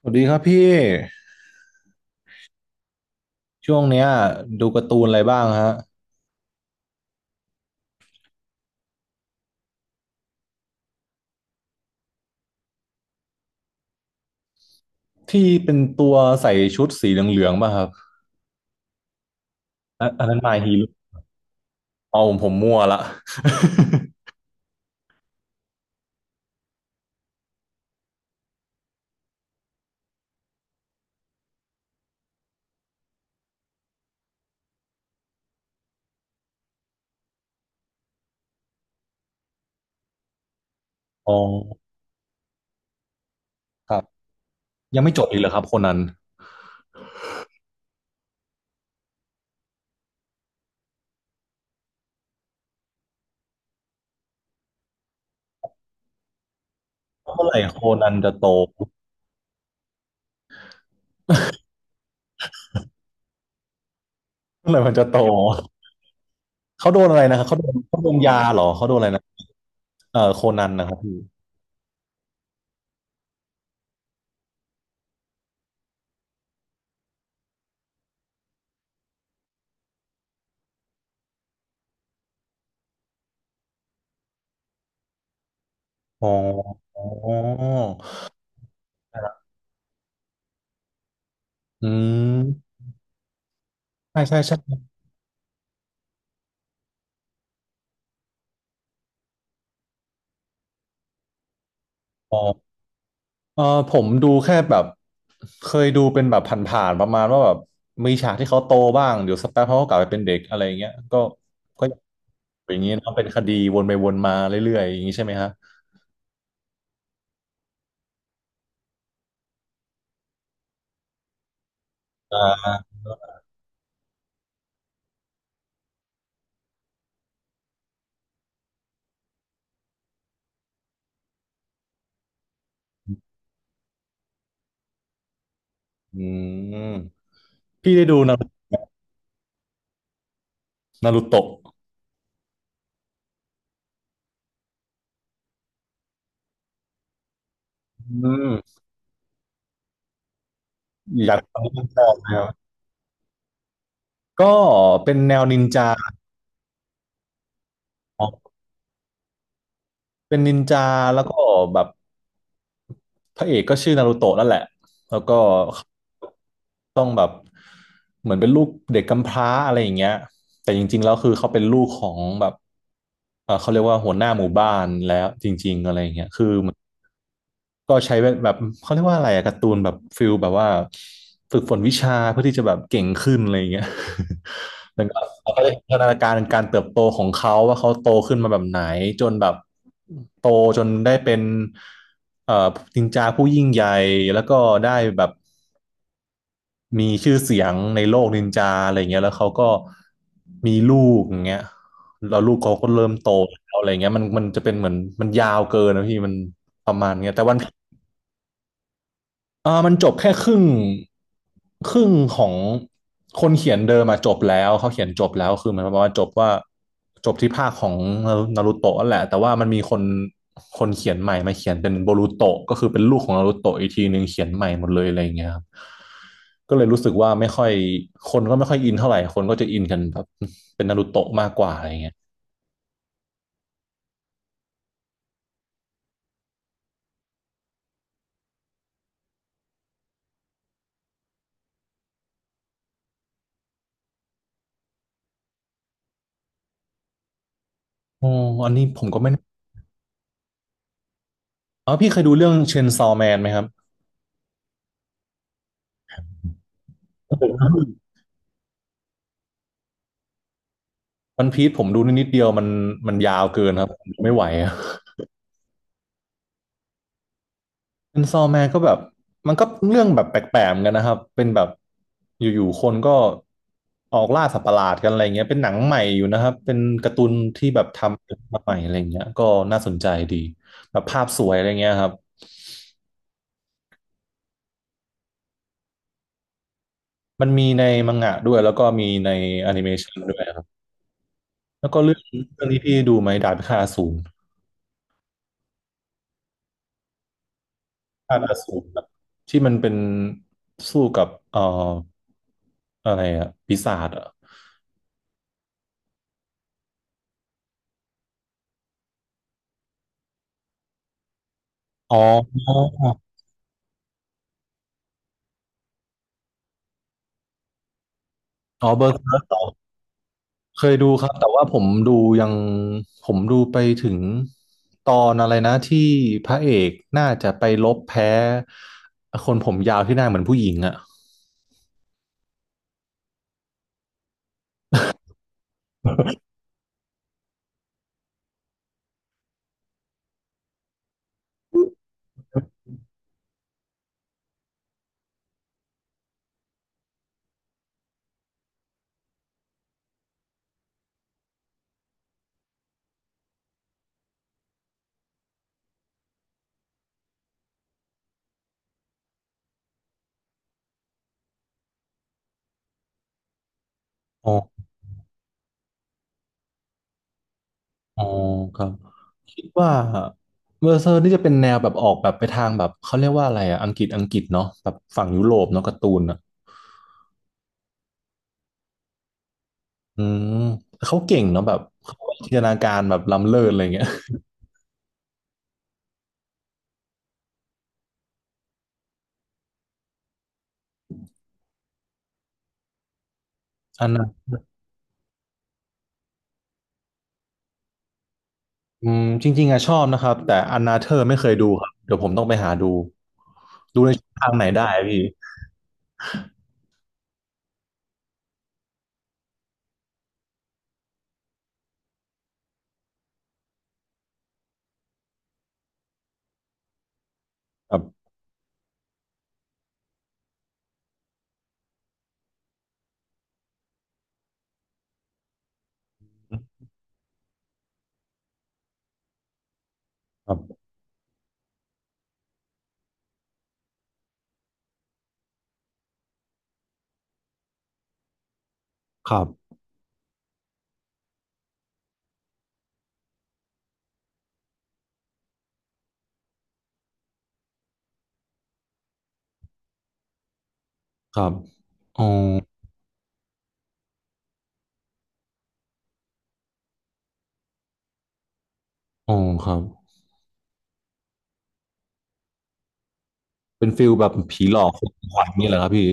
สวัสดีครับพี่ช่วงเนี้ยดูการ์ตูนอะไรบ้างฮะที่เป็นตัวใส่ชุดสีเหลืองๆป่ะครับอันนั้นมาฮีโร่เอาผมมั่วละอ๋อครับยังไม่จบอีกเหรอครับโคนันเมื่อไหร่โคนันจะโตเมื่อไหร่มันจะโตเขาโดนอะไรนะครับเขาโดนยาเหรอเขาโดนอะไรนะเออโคนันนะครับพี่อ๋ออ๋ออืมใช่ใช่ใช่อ๋อ เออผมดูแค่แบบเคยดูเป็นแบบผ่านๆประมาณว่าแบบมีฉากที่เขาโตบ้างเดี๋ยวสักแป๊บเขาก็กลับไปเป็นเด็กอะไรอย่างเงี้ยก็ก็อย่างนี้เนอะเป็นคดีวนไปวนมาเรื่อยๆอย่างนี้ใช่ไหมฮะอ่าอืมพี่ได้ดูนารุนารุโตะอืมอยากฟังเรื่องต่อเลยครับก็เป็นแนวนินจาเป็นนินจาแล้วก็แบบ พระเอกก็ชื่อนารูโตะนั่นแหละ แล้วก็ต้องแบบเหมือนเป็นลูกเด็กกำพร้าอะไรอย่างเงี้ยแต่จริงๆแล้วคือเขาเป็นลูกของแบบเออเขาเรียกว่าหัวหน้าหมู่บ้านแล้วจริงๆอะไรอย่างเงี้ยคือ ก็ใช้แบบเขาเรียกว่าอะไรอะการ์ตูนแบบฟิลแบบว่าฝึกฝนวิชาเพื่อที่จะแบบเก่งขึ้นอะไรอย่างเงี้ย แล้วก็เขาก็ได้พัฒนาการการเติบโตของเขาว่าเขาโตขึ้นมาแบบไหนจนแบบโตจนได้เป็นเอ่อนินจาผู้ยิ่งใหญ่แล้วก็ได้แบบมีชื่อเสียงในโลกนินจาอะไรอย่างเงี้ยแล้วเขาก็มีลูกอย่างเงี้ยแล้วลูกเขาก็เริ่มโตแล้วอะไรอย่างเงี้ยมันจะเป็นเหมือนมันยาวเกินนะพี่มันประมาณเงี้ยแต่วัน เออมันจบแค่ครึ่งครึ่งของคนเขียนเดิมอะจบแล้วเขาเขียนจบแล้วคือหมันประมาณว่าจบว่าจบที่ภาคของนารูโตะนั่นแหละแต่ว่ามันมีคนคนเขียนใหม่มาเขียนเป็นโบรูโตะก็คือเป็นลูกของนารูโตะอีกทีหนึ่งเขียนใหม่หมดเลยอะไรอย่างเงี้ยครับก็เลยรู้สึกว่าไม่ค่อยคนก็ไม่ค่อยอินเท่าไหร่คนก็จะอินกันแบบเป็นนารูโตะมากกว่าอะไรอย่างเงี้ยอ๋ออันนี้ผมก็ไม่อ๋อพี่เคยดูเรื่องเชนซอว์แมนไหมครับวันพีซผมดูนิดเดียวมันมันยาวเกินครับผมไม่ไหวอะ เป็นซอแมนก็แบบมันก็เรื่องแบบแปลกๆเหมือนกันนะครับเป็นแบบอยู่ๆคนก็ออกล่าสัตว์ประหลาดกันอะไรเงี้ยเป็นหนังใหม่อยู่นะครับเป็นการ์ตูนที่แบบทำขึ้นมาใหม่อะไรเงี้ยก็น่าสนใจดีแบบภาพสวยอะไรเงี้ยครับมันมีในมังงะด้วยแล้วก็มีในแอนิเมชันด้วยครับแล้วก็เรื่องเรื่องนี้พี่ดูไหมดาบพิฆาตอสูรดาบพิฆาตอสูรแบบที่มันเป็นสู้กับอะไรอะปีศาจอะอ๋ออ๋อเบอร์เซอร์ก เคยดูครับแต่ว่าผมดูยังผมดูไปถึงตอนอะไรนะที่พระเอกน่าจะไปลบแพ้คนผมยาวที่หน้าเหมือนผู้หญิงอ่ะอ๋ออ๋อครับคิดว่าเบอร์เซอร์นี่จะเป็นแนวแบบออกแบบไปทางแบบเขาเรียกว่าอะไรอ่ะอังกฤษเนาะแบบฝั่งยุโรปเนาะการ์ตูนอ่ะอืมเขาเก่งเนาะแบบเขาจินตนาการแบบล้ำเลิศอะไรเงี้ยอันนั้น อืมจริงๆอะชอบนะครับแต่อันนาเธอร์ไม่เคยดูครับเดี๋ยวผมต้องไปหาดูดูในช่องทางไหนได้พี่ครับครับครับครับอ๋ออ๋อครับเป็นฟิลแบบผีหลอกคนขวัญนี่เหรอครับพี่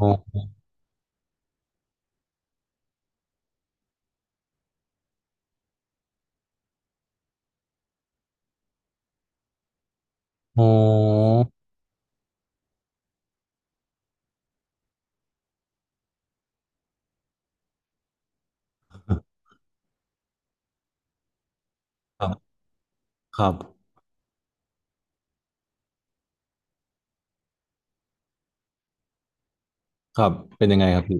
อ๋ออ๋อครับครับครับเป็นยังไงครับพี่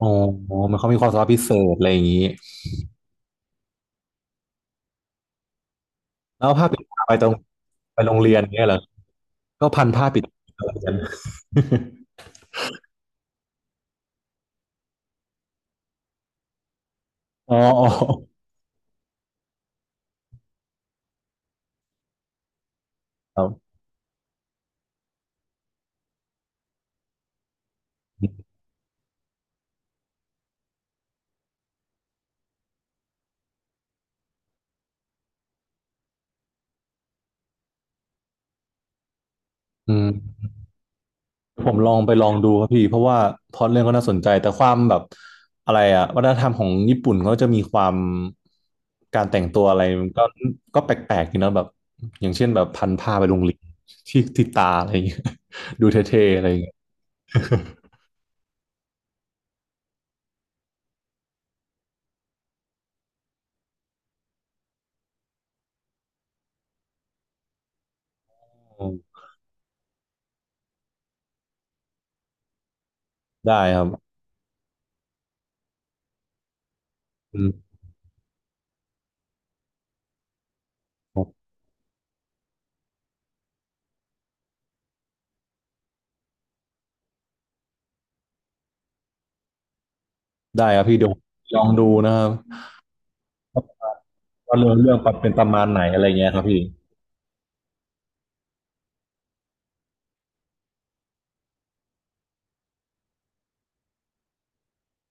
อ๋ออ๋อมันเขามีความสามารถพิเศษอะไรอย่างนี้แล้วผ้าปิดตาไปตรงไปโรงเรียนเนี่ยเหรอก็พันผ้าปิดตาเรียน อ๋ออ๋อครับอืม ผมลองไปลองดูครับพี่เพราะว่าพล็อตเรื่องก็น่าสนใจแต่ความแบบอะไรอะวัฒนธรรมของญี่ปุ่นเขาจะมีความการแต่งตัวอะไรมันก็ก็แปลกๆอยู่นะแบบอย่างเช่นแบบพันผ้าไปโรงเรียนที่ติดตาอะไรอย่างเงี้ย ดูเท่ๆอะไรอย่างเงี้ย อืมได้ครับอืมครับได้ครับพี่เดี๋ยวลองดูนะครับว่าเรื่องเรื่องเป็นประมาณไหนอะไรเงี้ยครับพี่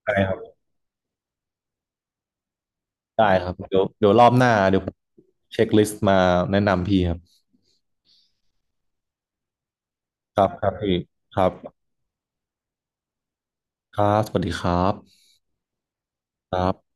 ได้ครับได้ครับเดี๋ยวเดี๋ยวรอบหน้าเดี๋ยวผมเช็คลิสต์มาแนะนำพี่ครับครับครับพี่ครับ ครับ สวัสดีครับครับ